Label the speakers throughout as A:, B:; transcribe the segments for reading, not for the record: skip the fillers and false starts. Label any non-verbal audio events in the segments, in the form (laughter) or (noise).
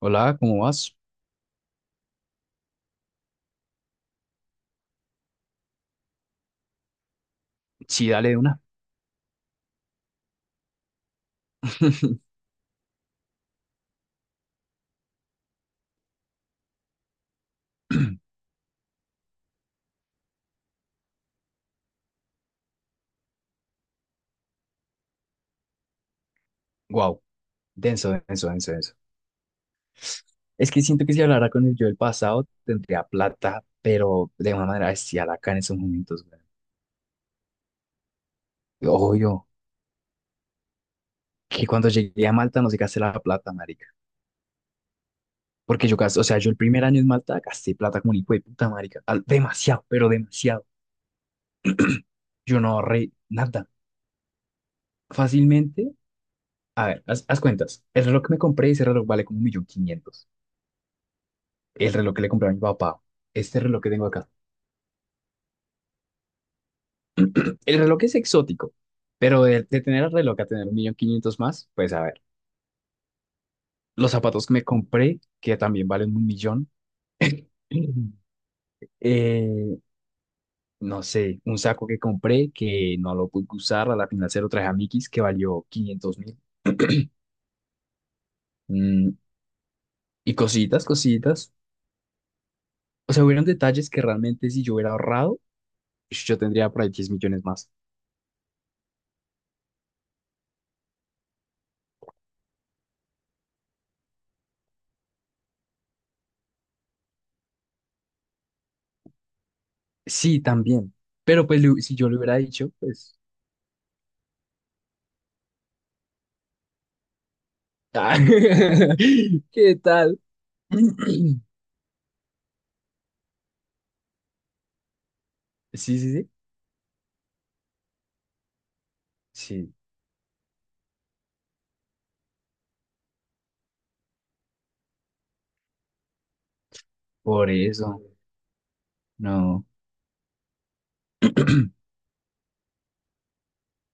A: Hola, ¿cómo vas? Sí, dale de una. (laughs) (clears throat) Wow, denso, denso, denso, denso. Es que siento que si hablara con el yo del pasado, tendría plata, pero de una manera bestial acá en esos momentos, güey. Obvio, que cuando llegué a Malta no se gasté la plata, marica. Porque yo gasté, o sea, yo el primer año en Malta gasté plata como un hijo de puta, marica. Demasiado, pero demasiado. Yo no ahorré nada. Fácilmente, a ver, haz cuentas. El reloj que me compré, ese reloj vale como un millón quinientos. El reloj que le compré a mi papá. Este reloj que tengo acá. (clears throat) El reloj es exótico, pero de tener el reloj a tener un millón quinientos más, pues a ver. Los zapatos que me compré, que también valen 1.000.000. (clears throat) Eh, no sé, un saco que compré que no lo pude usar, a la final se lo traje a Mickey's que valió 500.000. Mm, y cositas, cositas. O sea, hubieron detalles que realmente si yo hubiera ahorrado, yo tendría por ahí 10 millones más. Sí, también. Pero pues si yo le hubiera dicho, pues... (laughs) ah, (laughs) ¿Qué tal? (clears throat) Sí, sí, sí. Sí, por eso, no,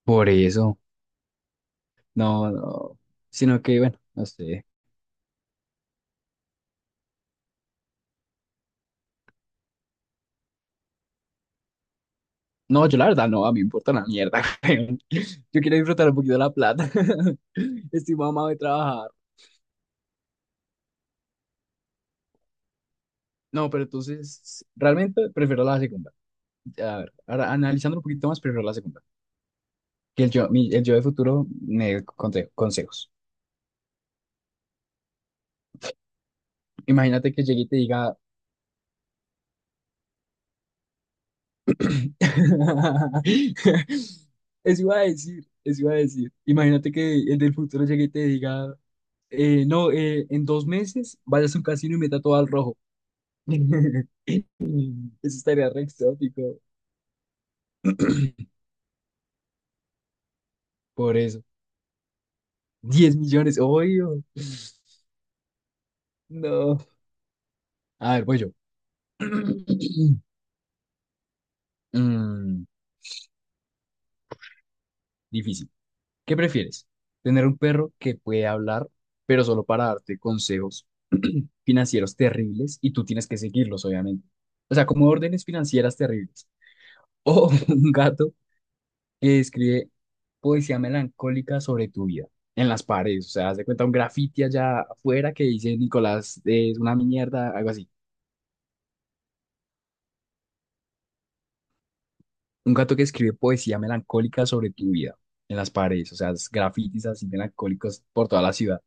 A: por eso, no, no, sino que bueno, no sé. No, yo la verdad no, a mí me importa una mierda, (laughs) weón. Yo quiero disfrutar un poquito de la plata. (laughs) Estoy mamado de trabajar. No, pero entonces, realmente prefiero la segunda. A ver, ahora analizando un poquito más, prefiero la segunda. Que el yo, el yo de futuro me consejos. Imagínate que llegue y te diga. (laughs) Eso iba a decir, eso iba a decir. Imagínate que el del futuro llegue y te diga, no, en 2 meses vayas a un casino y meta todo al rojo. (laughs) Eso estaría re exótico. (clears throat) Por eso. 10 millones, obvio. No. A ver, voy yo. (clears throat) Mm, Difícil. ¿Qué prefieres? ¿Tener un perro que puede hablar, pero solo para darte consejos financieros terribles y tú tienes que seguirlos, obviamente? O sea, como órdenes financieras terribles. O (laughs) un gato que escribe poesía melancólica sobre tu vida en las paredes. O sea, haz de cuenta un graffiti allá afuera que dice Nicolás es una mierda, algo así. Un gato que escribe poesía melancólica sobre tu vida en las paredes. O sea, es grafitis así melancólicos por toda la ciudad.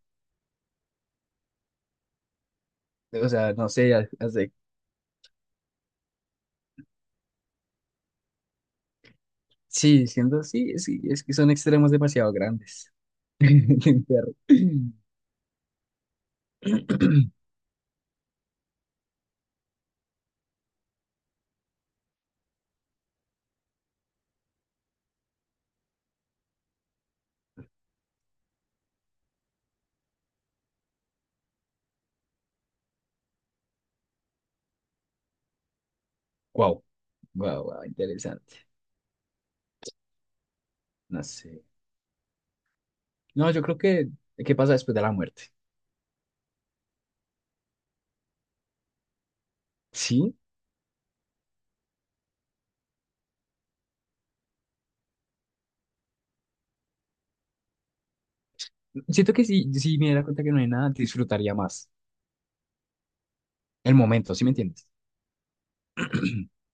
A: O sea, no sé, sí, siendo sí, sí, es que son extremos demasiado grandes. (laughs) Del perro. (clears throat) Wow, wow, wow, interesante. No sé. No, yo creo que, ¿qué pasa después de la muerte? Sí, siento que si me diera cuenta que no hay nada, disfrutaría más el momento, ¿sí me entiendes? (clears throat)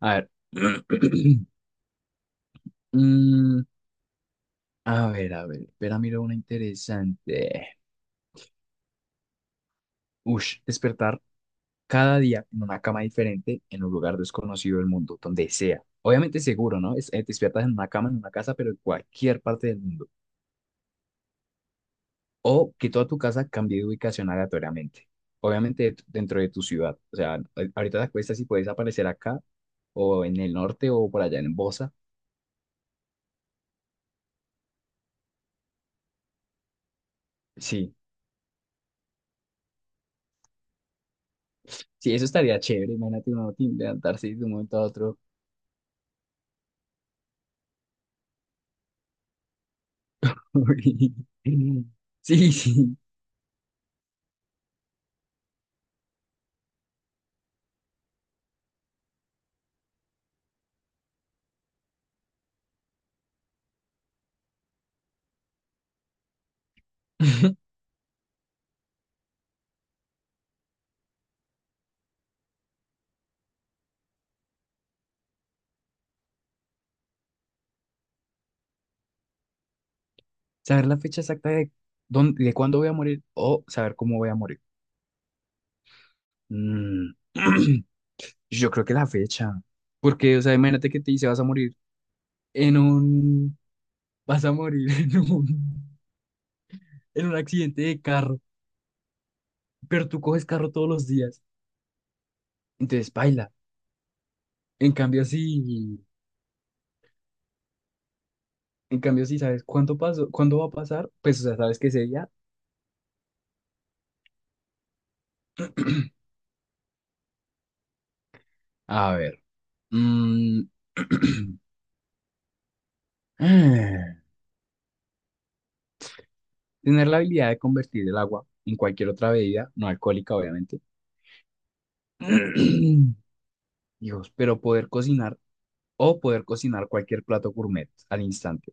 A: A ver. (clears throat) Mm, a ver, a ver. Espera, miro una interesante. Ush, despertar cada día en una cama diferente, en un lugar desconocido del mundo, donde sea. Obviamente seguro, ¿no? Te despiertas en una cama, en una casa, pero en cualquier parte del mundo. O que toda tu casa cambie de ubicación aleatoriamente. Obviamente dentro de tu ciudad. O sea, ahorita te acuestas y puedes aparecer acá o en el norte o por allá en Bosa. Sí, sí, eso estaría chévere. Imagínate uno levantarse de un momento a otro. (laughs) Sí, sí. (laughs) Saber la fecha exacta de cuándo voy a morir o saber cómo voy a morir. Mm. (clears throat) Yo creo que la fecha. Porque, o sea, imagínate que te dice vas a morir en un... Vas a morir (laughs) en un accidente de carro, pero tú coges carro todos los días, entonces paila. En cambio, si, en cambio, si sabes cuánto pasó, cuándo va a pasar, pues, o sea, sabes que ese día... (clears throat) A ver, mm, (clears throat) ah, tener la habilidad de convertir el agua en cualquier otra bebida, no alcohólica, obviamente. (clears throat) Dios, pero poder cocinar cualquier plato gourmet al instante.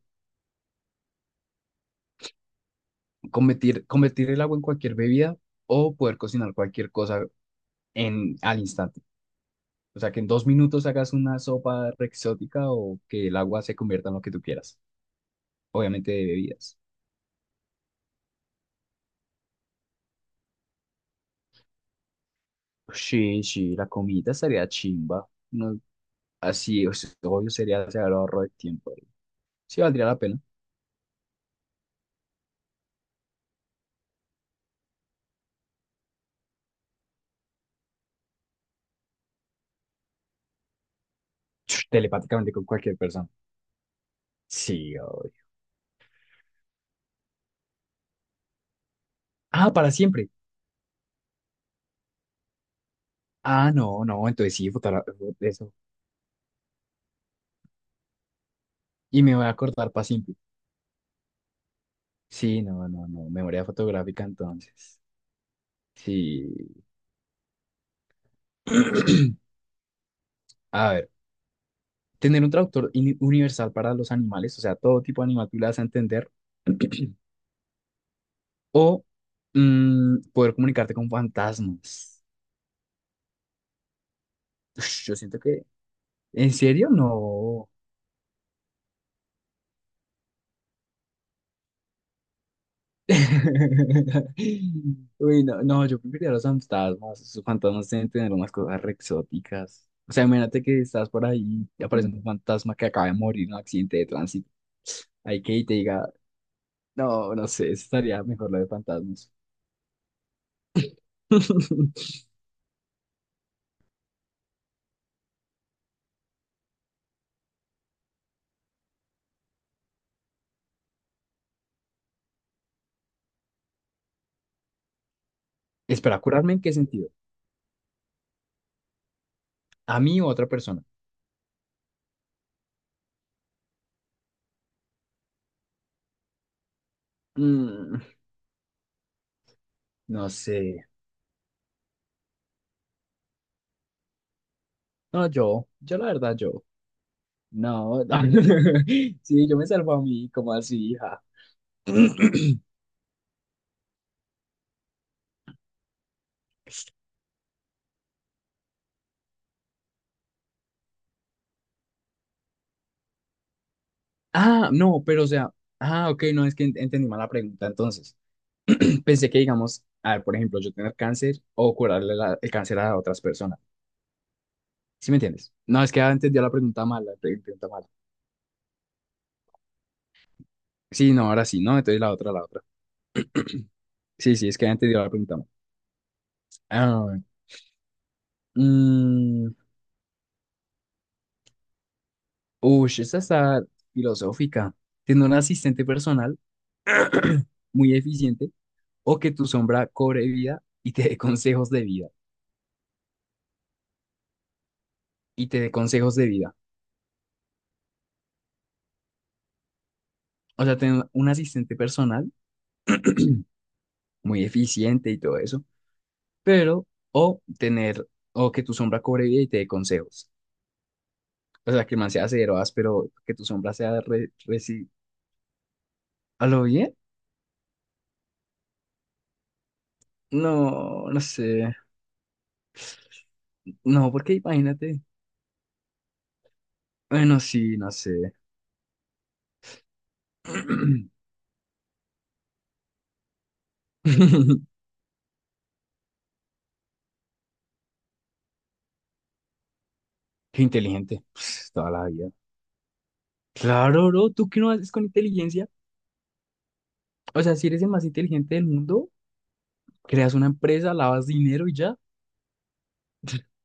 A: Convertir el agua en cualquier bebida o poder cocinar cualquier cosa al instante. O sea, que en 2 minutos hagas una sopa re exótica o que el agua se convierta en lo que tú quieras. Obviamente de bebidas. Sí, sí, la comida estaría chimba. No, así, o sea, obvio sería hacer el ahorro de tiempo. Sí, valdría la pena. Telepáticamente con cualquier persona. Sí, obvio. Ah, para siempre. Ah, no, no, entonces sí, eso. Y me voy a acordar para siempre. Sí, no, no, no. Memoria fotográfica entonces. Sí. (clears throat) A ver. Tener un traductor universal para los animales, o sea, todo tipo de animal tú le vas a entender. (clears throat) O poder comunicarte con fantasmas. Ush, yo siento que... ¿En serio? No. (laughs) Uy, no, no, yo preferiría los fantasmas. Los fantasmas deben tener unas cosas re exóticas. O sea, imagínate que estás por ahí y aparece un fantasma que acaba de morir en un accidente de tránsito. Hay que y te diga, no, no sé, estaría mejor lo de fantasmas. (laughs) ¿Espera curarme en qué sentido? ¿A mí o a otra persona? Mm, no sé. No, yo. Yo, la verdad, yo. No, (laughs) no. Sí, yo me salvo a mí, ¿como así, hija? Ah, no, pero o sea. Ah, ok, no, es que entendí mal la pregunta. Entonces, (clears throat) pensé que, digamos, a ver, por ejemplo, yo tener cáncer o curarle el cáncer a otras personas. ¿Sí me entiendes? No, es que había entendido la pregunta mal, la pregunta mal. Sí, no, ahora sí, ¿no? Entonces la otra, la otra. Sí, sí, es que había entendido la pregunta mal. Ah, mm, uy, esa está filosófica. Tener un asistente personal muy eficiente o que tu sombra cobre vida y te dé (laughs) consejos de vida. Y te dé consejos de vida. O sea, tener un asistente personal (clears throat) muy eficiente y todo eso, pero o tener, o que tu sombra cobre vida y te dé consejos. O sea, que el man sea cero áspero, que tu sombra sea re, reci- ¿A lo bien? No, no sé. No, porque imagínate. Bueno, sí, no sé. (clears throat) Qué inteligente. Pues, toda la vida. Claro, bro. ¿Tú qué no haces con inteligencia? O sea, si eres el más inteligente del mundo, creas una empresa, lavas dinero y ya. (laughs)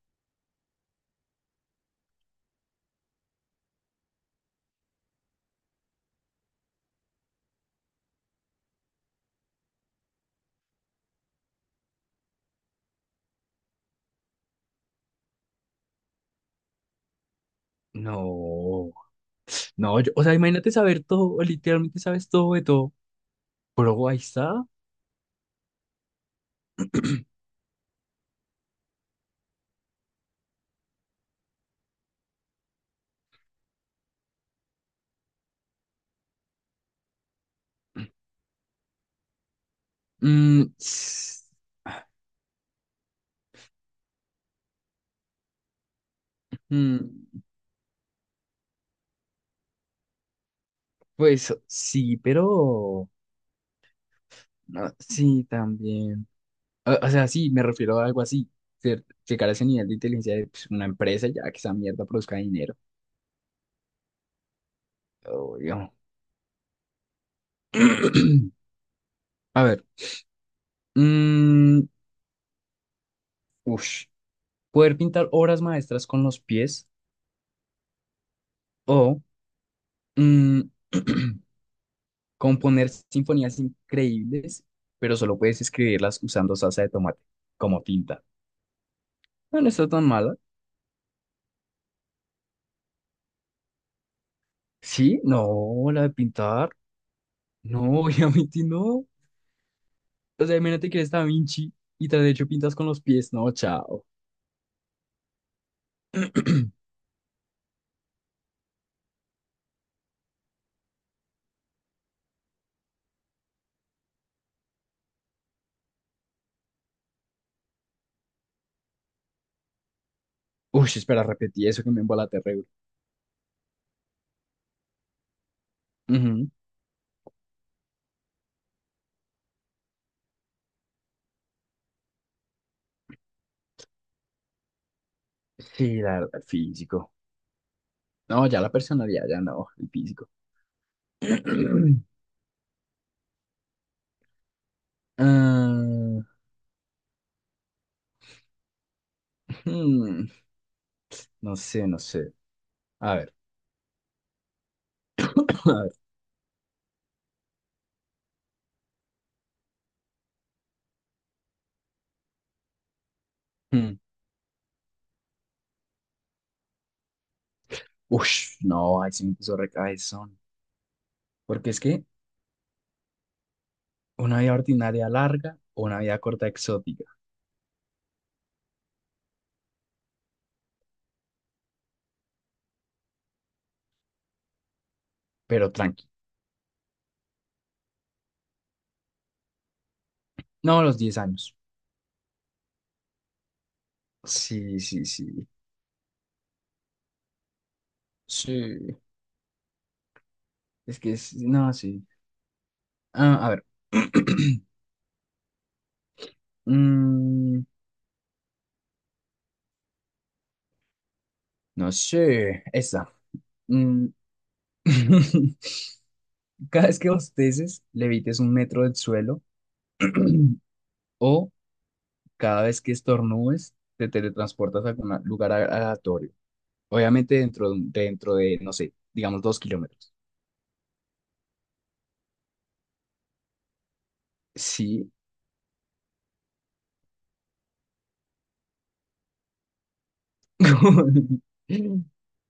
A: No. No, o sea, imagínate saber todo. Literalmente sabes todo de todo. Pero ahí está. Mm, s- mm, pues sí, pero... no, sí, también. O sea, sí, me refiero a algo así. Llegar a ese nivel de inteligencia de pues, una empresa ya que esa mierda produzca dinero. Obvio. (clears throat) A ver. Mm, ush. Poder pintar obras maestras con los pies o mm, (clears throat) componer sinfonías increíbles, pero solo puedes escribirlas usando salsa de tomate como tinta. No, no está tan mala. Sí, no, la de pintar. No, (laughs) obviamente no. O sea, imagínate que eres Da Vinci y tras de hecho pintas con los pies. No, chao. Uy, espera, repetí eso que me embolaté, terrible. Ujú. Sí, la verdad, el físico. No, ya la personalidad, ya no, el físico. (clears throat) Ah, Hmm, no sé, no sé. A ver, (laughs) (clears throat) a ver. Hmm. Ush, no, ahí sí me puso recaezón. Porque es que una vida ordinaria larga o una vida corta exótica, pero tranqui. No, los 10 años. Sí, sí, sí. Sí, es que es, no, sí. Ah, a ver. (clears throat) Mm, no sé, esa. Mm, (laughs) Cada vez que bosteces, levites 1 metro del suelo. (clears throat) O cada vez que estornudes, te teletransportas a algún lugar aleatorio. Obviamente dentro de, no sé, digamos 2 kilómetros. Sí. (laughs)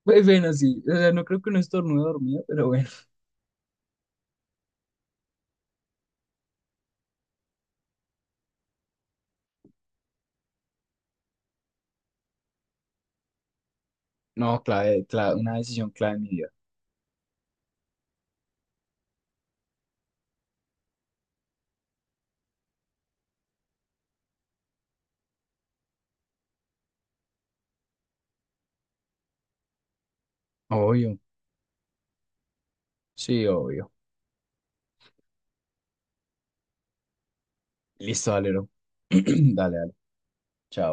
A: Pues bueno, sí. O sea, no creo que no estornude dormido, pero bueno. No, clave, clave, una decisión clave en mi vida. Obvio. Sí, obvio. Listo, Valero. (clears throat) Dale, dale. Chao.